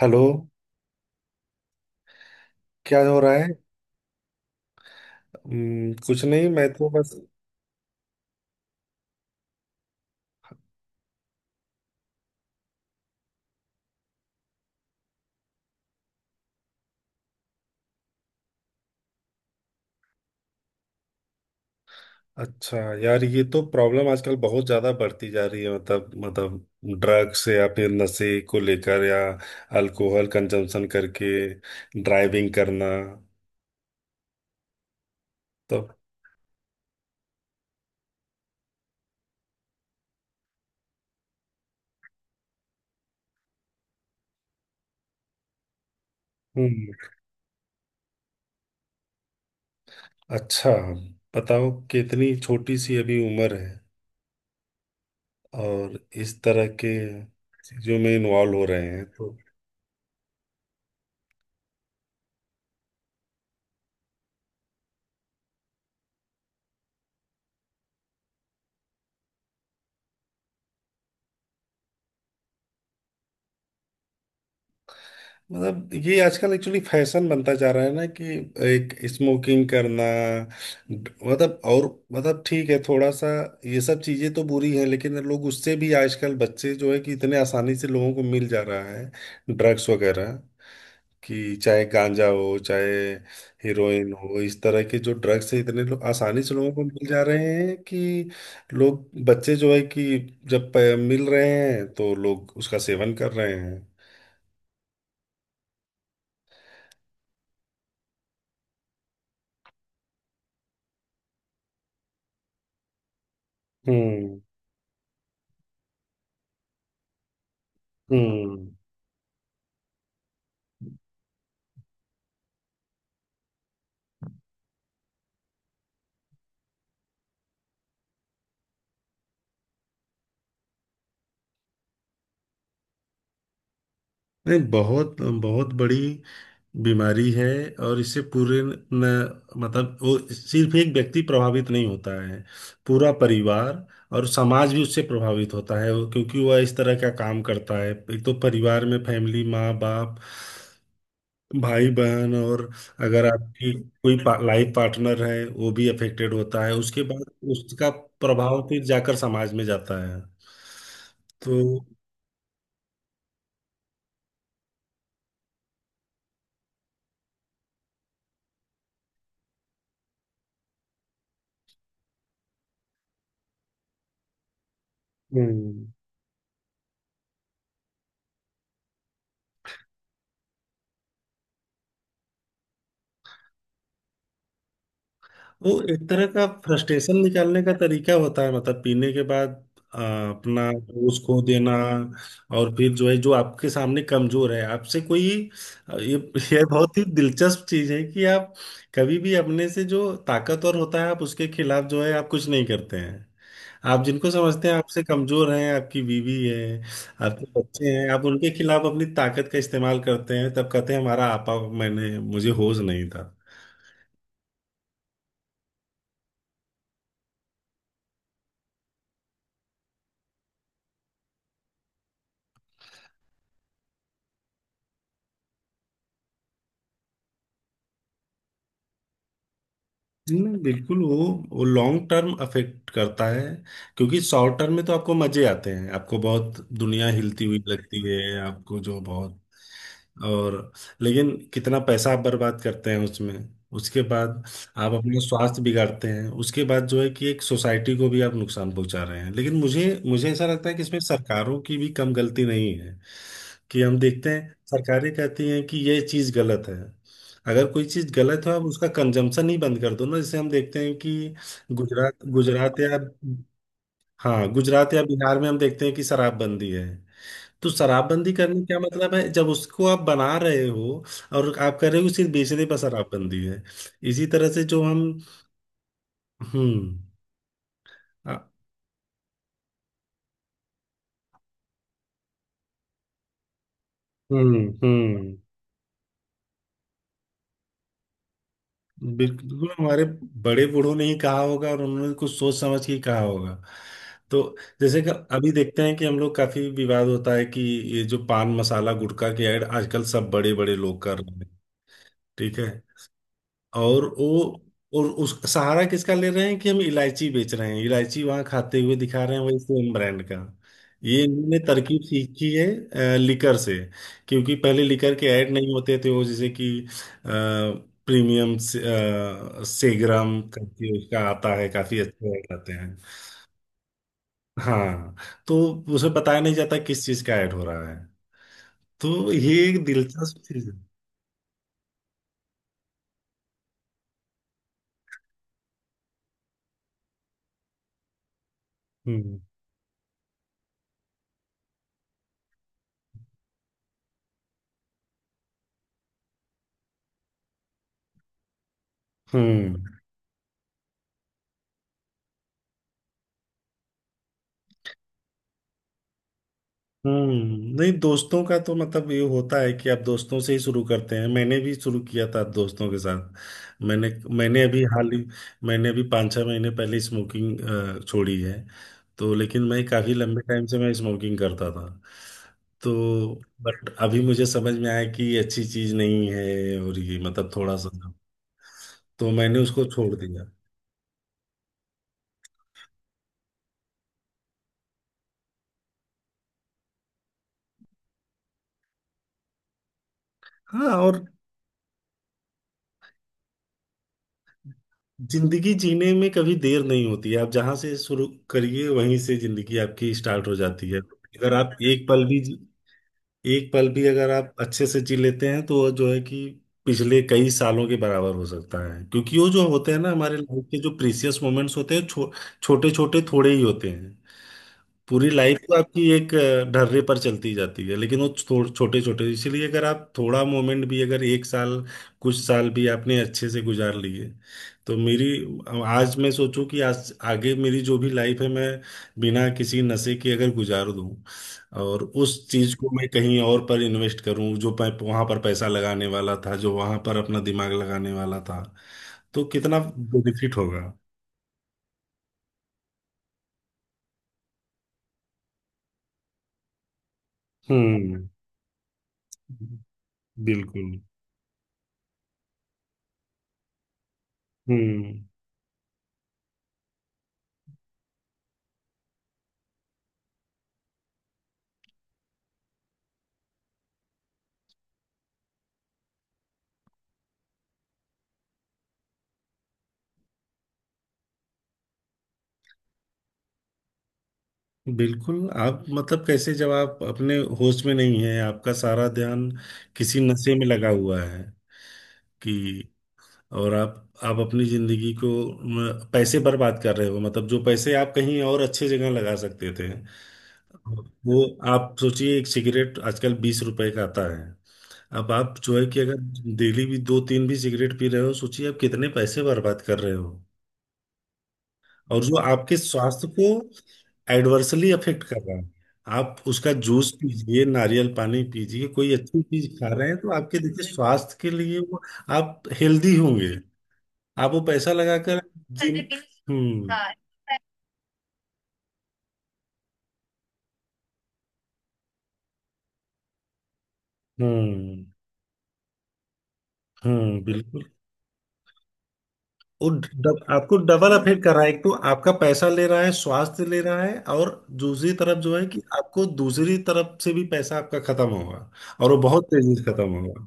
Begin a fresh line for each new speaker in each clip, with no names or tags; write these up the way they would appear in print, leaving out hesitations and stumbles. Hello. क्या हो रहा है? कुछ नहीं, मैं तो बस। अच्छा यार, ये तो प्रॉब्लम आजकल बहुत ज्यादा बढ़ती जा रही है, मतलब ड्रग्स या फिर नशे को लेकर या अल्कोहल कंजम्पशन करके ड्राइविंग करना तो। हम्म। अच्छा, बताओ कितनी छोटी सी अभी उम्र है, और इस तरह के चीजों में इन्वॉल्व हो रहे हैं तो। मतलब ये आजकल एक्चुअली फैशन बनता जा रहा है ना, कि एक स्मोकिंग करना, मतलब और मतलब ठीक है, थोड़ा सा ये सब चीजें तो बुरी हैं, लेकिन लोग उससे भी आजकल बच्चे जो है कि इतने आसानी से लोगों को मिल जा रहा है ड्रग्स वगैरह, कि चाहे गांजा हो चाहे हीरोइन हो, इस तरह के जो ड्रग्स है इतने लोग आसानी से लोगों को मिल जा रहे हैं, कि लोग बच्चे जो है कि जब मिल रहे हैं तो लोग उसका सेवन कर रहे हैं। हम्म। हम्म। नहीं, बहुत बहुत बड़ी बीमारी है। और इससे पूरे न, मतलब वो सिर्फ एक व्यक्ति प्रभावित नहीं होता है, पूरा परिवार और समाज भी उससे प्रभावित होता है। क्योंकि वह इस तरह का काम करता है, एक तो परिवार में फैमिली माँ बाप भाई बहन, और अगर आपकी कोई लाइफ पार्टनर है वो भी अफेक्टेड होता है, उसके बाद उसका प्रभाव फिर जाकर समाज में जाता है तो। हम्म। वो एक तरह का फ्रस्ट्रेशन निकालने का तरीका होता है, मतलब पीने के बाद अपना होश खो देना, और फिर जो है जो आपके सामने कमजोर है आपसे कोई, ये ये बहुत ही दिलचस्प चीज है कि आप कभी भी अपने से जो ताकतवर होता है आप उसके खिलाफ जो है आप कुछ नहीं करते हैं, आप जिनको समझते हैं आपसे कमजोर हैं, आपकी बीवी है, आपके बच्चे हैं, आप उनके खिलाफ अपनी ताकत का इस्तेमाल करते हैं, तब कहते हैं हमारा आपा, मैंने मुझे होश नहीं था। नहीं, बिल्कुल। वो लॉन्ग टर्म अफेक्ट करता है, क्योंकि शॉर्ट टर्म में तो आपको मजे आते हैं, आपको बहुत दुनिया हिलती हुई लगती है, आपको जो बहुत, और लेकिन कितना पैसा आप बर्बाद करते हैं उसमें। उसके बाद आप अपने स्वास्थ्य बिगाड़ते हैं, उसके बाद जो है कि एक सोसाइटी को भी आप नुकसान पहुंचा रहे हैं, लेकिन मुझे मुझे ऐसा लगता है कि इसमें सरकारों की भी कम गलती नहीं है। कि हम देखते हैं सरकारें कहती हैं कि ये चीज़ गलत है, अगर कोई चीज गलत हो आप उसका कंजम्पशन ही बंद कर दो ना। जैसे हम देखते हैं कि गुजरात गुजरात या, हाँ, गुजरात या बिहार में हम देखते हैं कि शराबबंदी है, तो शराबबंदी करने का मतलब है जब उसको आप बना रहे हो, और आप कर रहे हो सिर्फ बेचने पर शराबबंदी है। इसी तरह से जो हम, हम्म, अ- हम्म। हम्म। बिल्कुल, हमारे बड़े बूढ़ों ने ही कहा होगा, और उन्होंने कुछ सोच समझ के ही कहा होगा तो। जैसे कि अभी देखते हैं कि हम लोग, काफी विवाद होता है कि ये जो पान मसाला गुटखा की ऐड आजकल सब बड़े बड़े लोग कर रहे हैं, ठीक है। और वो, और उस सहारा किसका ले रहे हैं, कि हम इलायची बेच रहे हैं, इलायची वहां खाते हुए दिखा रहे हैं वही सेम ब्रांड का। ये इन्होंने तरकीब सीखी है लिकर से, क्योंकि पहले लिकर के ऐड नहीं होते थे, वो जैसे कि प्रीमियम सेग्राम करके उसका आता है, काफी अच्छे ऐड आते हैं। हाँ। तो उसे बताया नहीं जाता किस चीज का ऐड हो रहा है, तो ये एक दिलचस्प चीज है। हम्म। हम्म। हम्म। नहीं, दोस्तों का तो मतलब ये होता है कि आप दोस्तों से ही शुरू करते हैं, मैंने भी शुरू किया था दोस्तों के साथ। मैंने मैंने अभी हाल ही मैंने अभी 5-6 महीने पहले स्मोकिंग छोड़ी है। तो लेकिन मैं काफ़ी लंबे टाइम से मैं स्मोकिंग करता था तो। बट अभी मुझे समझ में आया कि ये अच्छी चीज़ नहीं है, और ये मतलब थोड़ा सा, तो मैंने उसको छोड़ दिया। हाँ। और जिंदगी जीने में कभी देर नहीं होती है, आप जहां से शुरू करिए वहीं से जिंदगी आपकी स्टार्ट हो जाती है। अगर आप एक पल भी अगर आप अच्छे से जी लेते हैं तो वो जो है कि पिछले कई सालों के बराबर हो सकता है। क्योंकि वो जो होते हैं ना हमारे लाइफ के जो प्रीसियस मोमेंट्स होते हैं छोटे छोटे थोड़े ही होते हैं। पूरी लाइफ तो आपकी एक ढर्रे पर चलती जाती है, लेकिन वो छोटे छोटे, इसीलिए अगर आप थोड़ा मोमेंट भी, अगर एक साल कुछ साल भी आपने अच्छे से गुजार लिए, तो मेरी, आज मैं सोचूं कि आज आगे मेरी जो भी लाइफ है मैं बिना किसी नशे के अगर गुजार दूं, और उस चीज को मैं कहीं और पर इन्वेस्ट करूं, जो मैं वहां पर पैसा लगाने वाला था, जो वहां पर अपना दिमाग लगाने वाला था, तो कितना बेनिफिट होगा। हम्म। बिल्कुल। हम्म। बिल्कुल, आप मतलब कैसे जब आप अपने होश में नहीं है, आपका सारा ध्यान किसी नशे में लगा हुआ है कि, और आप अपनी जिंदगी को, पैसे बर्बाद कर रहे हो, मतलब जो पैसे आप कहीं और अच्छे जगह लगा सकते थे वो, आप सोचिए एक सिगरेट आजकल 20 रुपए का आता है। अब आप जो है कि अगर डेली भी 2-3 भी सिगरेट पी रहे हो, सोचिए आप कितने पैसे बर्बाद कर रहे हो। और जो आपके स्वास्थ्य को एडवर्सली अफेक्ट कर रहा है, आप उसका जूस पीजिए, नारियल पानी पीजिए, कोई अच्छी चीज खा रहे हैं तो आपके देखिए स्वास्थ्य के लिए वो आप हेल्दी होंगे, आप वो पैसा लगाकर जिम। हम्म। हाँ। हम्म। हम्म। बिल्कुल, आपको डबल अफेक्ट कर रहा है, एक तो आपका पैसा ले रहा है, स्वास्थ्य ले रहा है, और दूसरी तरफ जो है कि आपको दूसरी तरफ से भी पैसा आपका खत्म होगा, और वो बहुत तेजी से खत्म होगा।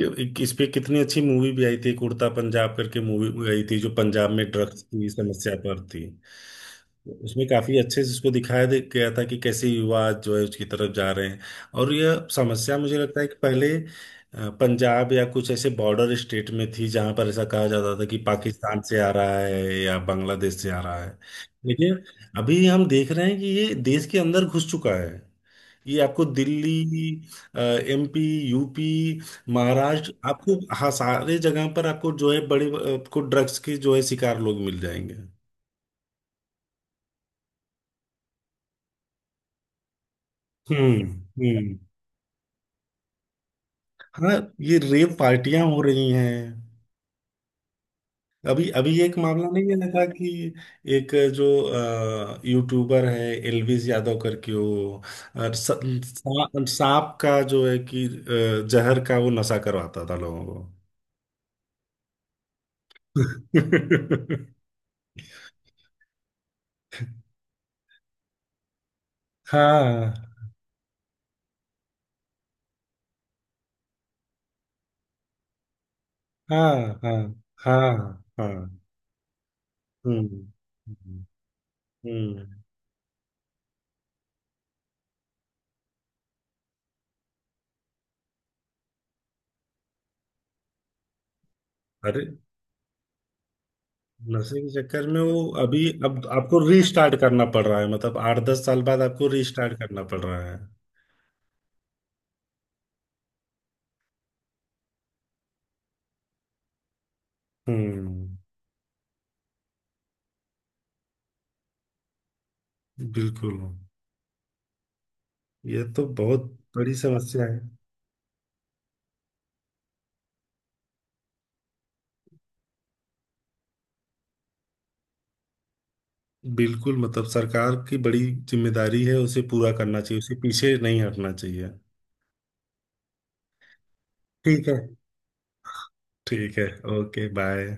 इस पे कितनी अच्छी मूवी भी आई थी, एक उड़ता पंजाब करके मूवी भी आई थी जो पंजाब में ड्रग्स की समस्या पर थी। उसमें काफी अच्छे से इसको दिखाया गया था कि कैसे युवा जो है उसकी तरफ जा रहे हैं। और यह समस्या मुझे लगता है कि पहले पंजाब या कुछ ऐसे बॉर्डर स्टेट में थी, जहां पर ऐसा कहा जाता था कि पाकिस्तान से आ रहा है या बांग्लादेश से आ रहा है। लेकिन अभी हम देख रहे हैं कि ये देश के अंदर घुस चुका है, ये आपको दिल्ली, एमपी, यूपी, महाराष्ट्र, आपको, हाँ, सारे जगह पर आपको जो है बड़े, आपको ड्रग्स के जो है शिकार लोग मिल जाएंगे। हम्म। हम्म। हाँ, ये रेप पार्टियां हो रही हैं। अभी अभी एक मामला नहीं है था कि एक जो यूट्यूबर है, एलविस यादव करके, वो अ, स- सांप का जो है कि जहर का वो नशा करवाता था लोगों को। हाँ, हाँ, हाँ, हाँ, हाँ। हम्म। हम्म। अरे, नशे के चक्कर में वो, अभी अब आपको रीस्टार्ट करना पड़ रहा है, मतलब 8-10 साल बाद आपको रीस्टार्ट करना पड़ रहा है। हम्म, बिल्कुल। ये तो बहुत बड़ी समस्या है। बिल्कुल, मतलब सरकार की बड़ी जिम्मेदारी है, उसे पूरा करना चाहिए, उसे पीछे नहीं हटना चाहिए। ठीक है। ठीक है। Okay, bye.